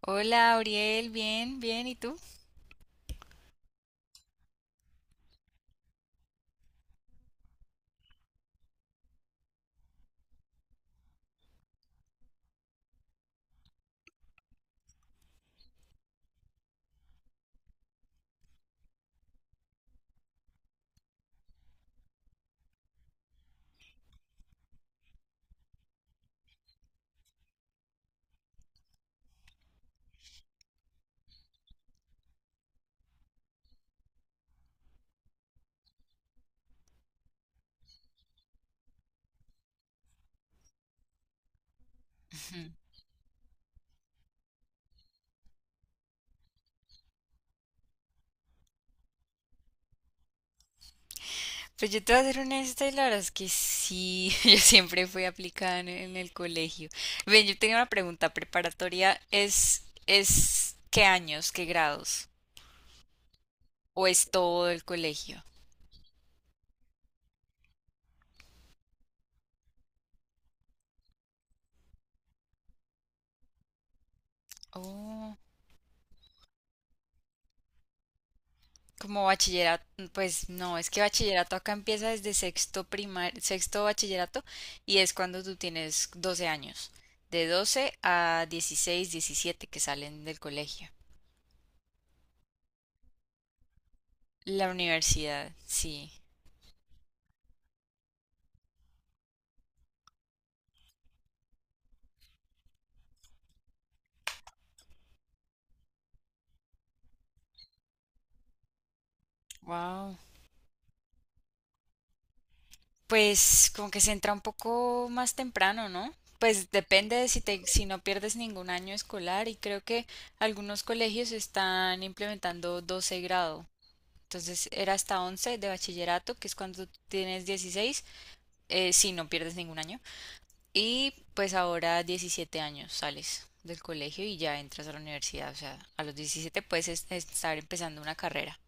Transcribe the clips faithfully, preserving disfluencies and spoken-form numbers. Hola, Auriel, bien, bien, ¿y tú? Ujú. Pues yo te voy a ser honesta y la verdad es que sí, yo siempre fui aplicada en, en el colegio. Ven, yo tengo una pregunta, ¿preparatoria es, es qué años, qué grados? ¿O es todo el colegio? Oh, como bachillerato, pues no, es que bachillerato acá empieza desde sexto primar, sexto bachillerato y es cuando tú tienes doce años, de doce a dieciséis, diecisiete que salen del colegio. La universidad, sí. Wow. Pues como que se entra un poco más temprano, ¿no? Pues depende de si te, si no pierdes ningún año escolar y creo que algunos colegios están implementando doce grado. Entonces era hasta once de bachillerato, que es cuando tienes dieciséis eh, si no pierdes ningún año. Y pues ahora diecisiete años sales del colegio y ya entras a la universidad. O sea, a los diecisiete puedes es- estar empezando una carrera.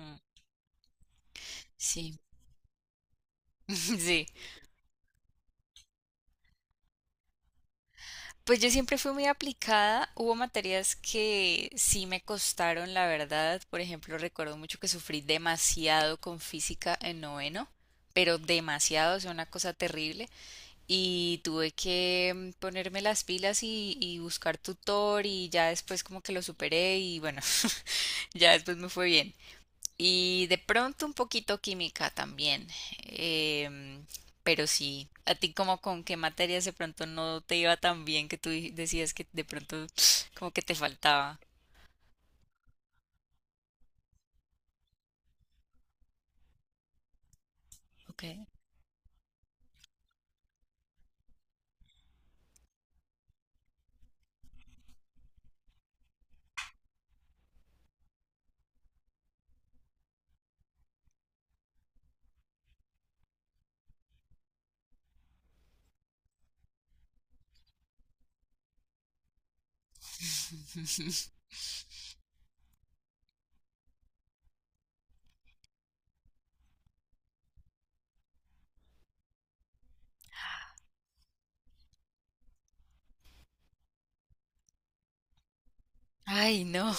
Mm, sí, sí. Pues yo siempre fui muy aplicada. Hubo materias que sí me costaron, la verdad. Por ejemplo, recuerdo mucho que sufrí demasiado con física en noveno, pero demasiado, o sea, una cosa terrible. Y tuve que mm, ponerme las pilas y, y buscar tutor y ya después como que lo superé y bueno, ya después me fue bien. Y de pronto un poquito química también. em, pero sí, ¿a ti como con qué materias de pronto no te iba tan bien que tú di- decías que de pronto como que te faltaba? Ok. Ay, no.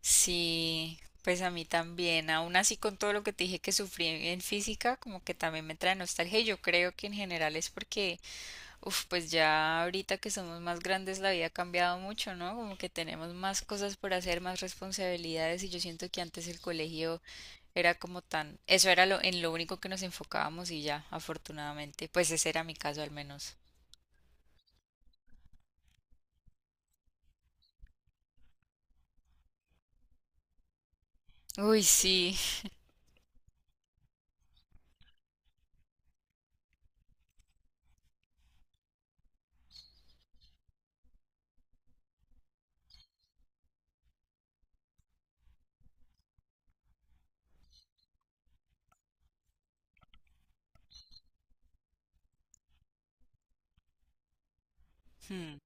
Sí, pues a mí también. Aún así con todo lo que te dije que sufrí en física, como que también me trae nostalgia. Y yo creo que en general es porque. Uf, pues ya ahorita que somos más grandes la vida ha cambiado mucho, ¿no? Como que tenemos más cosas por hacer, más responsabilidades y yo siento que antes el colegio era como tan, eso era lo en lo único que nos enfocábamos y ya, afortunadamente, pues ese era mi caso al menos. Uy, sí. Hmm.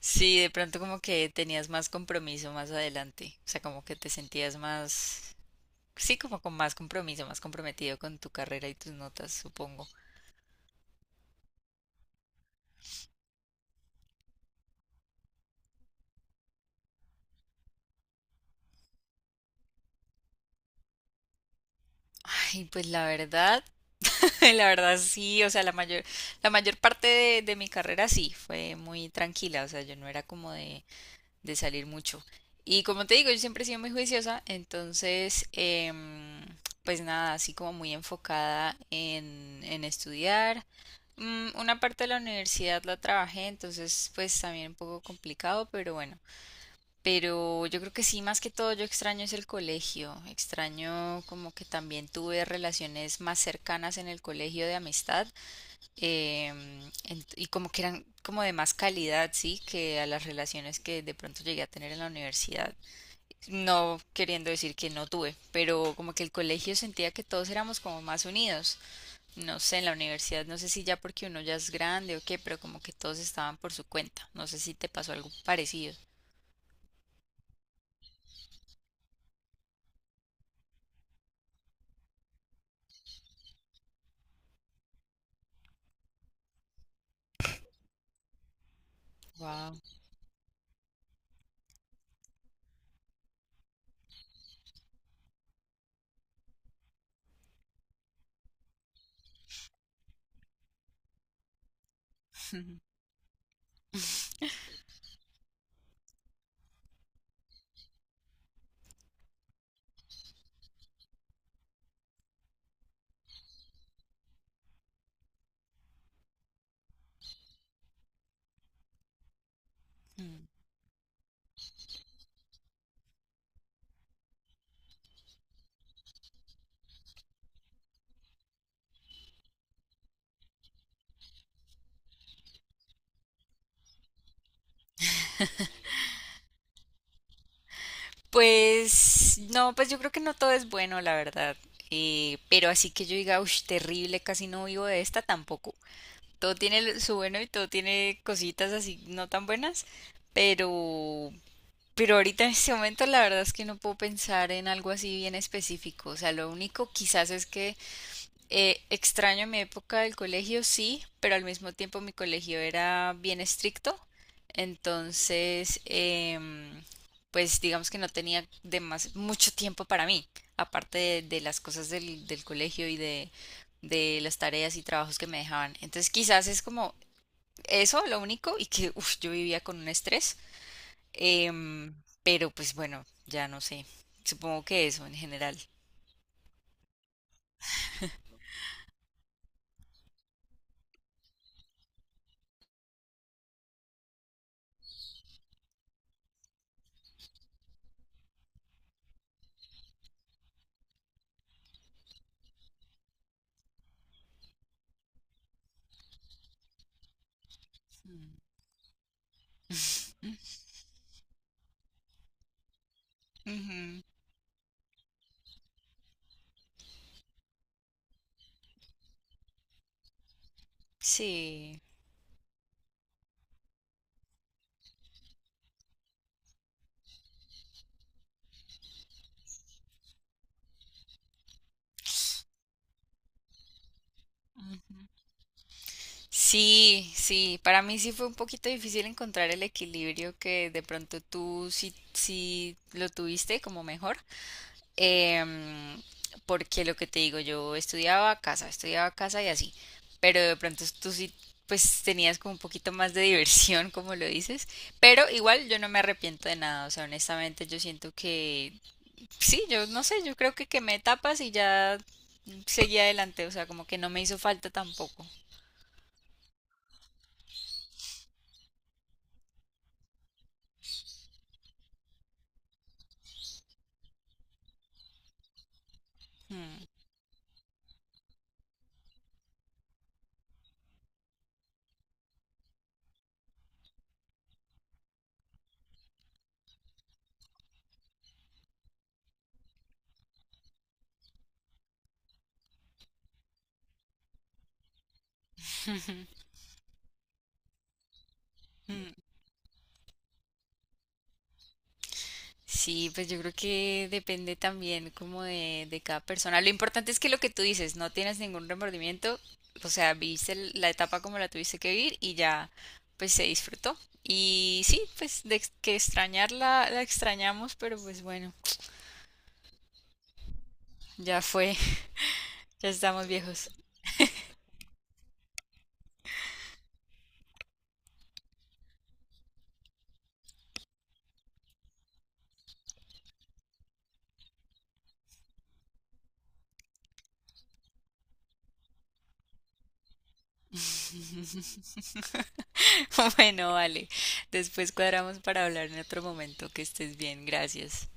Sí, de pronto como que tenías más compromiso más adelante, o sea, como que te sentías más, sí, como con más compromiso, más comprometido con tu carrera y tus notas, supongo. Ay, pues la verdad, la verdad sí, o sea, la mayor, la mayor parte de, de mi carrera sí, fue muy tranquila, o sea, yo no era como de, de salir mucho. Y como te digo, yo siempre he sido muy juiciosa, entonces, em, pues nada, así como muy enfocada en, en estudiar. Mm, Una parte de la universidad la trabajé, entonces pues también un poco complicado, pero bueno, pero yo creo que sí, más que todo yo extraño es el colegio. Extraño como que también tuve relaciones más cercanas en el colegio de amistad em, ent- y como que eran como de más calidad, sí, que a las relaciones que de pronto llegué a tener en la universidad. No queriendo decir que no tuve, pero como que el colegio sentía que todos éramos como más unidos. No sé, en la universidad no sé si ya porque uno ya es grande o qué, pero como que todos estaban por su cuenta. No sé si te pasó algo parecido. Wow. Pues no, pues yo creo que no todo es bueno, la verdad. Eh, pero así que yo diga, uff, terrible, casi no vivo de esta tampoco. Todo tiene lo- su bueno y todo tiene cositas así no tan buenas, pero, pero ahorita en este momento la verdad es que no puedo pensar en algo así bien específico. O sea, lo único quizás es que eh, extraño mi época del colegio, sí, pero al mismo tiempo mi colegio era bien estricto, entonces, em, pues digamos que no tenía demas- mucho tiempo para mí, aparte de, de las cosas del, del colegio y de, de las tareas y trabajos que me dejaban. Entonces, quizás es como eso lo único y que uf, yo vivía con un estrés, em, pero pues bueno, ya no sé, supongo que eso en general. Mm. Ujú, sí. Sí, sí, para mí sí fue un poquito difícil encontrar el equilibrio que de pronto tú sí, sí lo tuviste como mejor, em, porque lo que te digo, yo estudiaba a casa, estudiaba a casa y así, pero de pronto tú sí pues tenías como un poquito más de diversión, como lo dices, pero igual yo no me arrepiento de nada, o sea, honestamente yo siento que sí, yo no sé, yo creo que quemé etapas y ya seguí adelante, o sea, como que no me hizo falta tampoco. Mm, mm. Sí, pues yo creo que depende también como de, de cada persona. Lo importante es que lo que tú dices, no tienes ningún remordimiento, o sea, viviste el- la etapa como la tuviste que vivir y ya, pues se disfrutó. Y sí, pues de ex- que extrañarla, la extrañamos, pero pues bueno, ya fue, ya estamos viejos. Bueno, vale, después cuadramos para hablar en otro momento, que estés bien, gracias.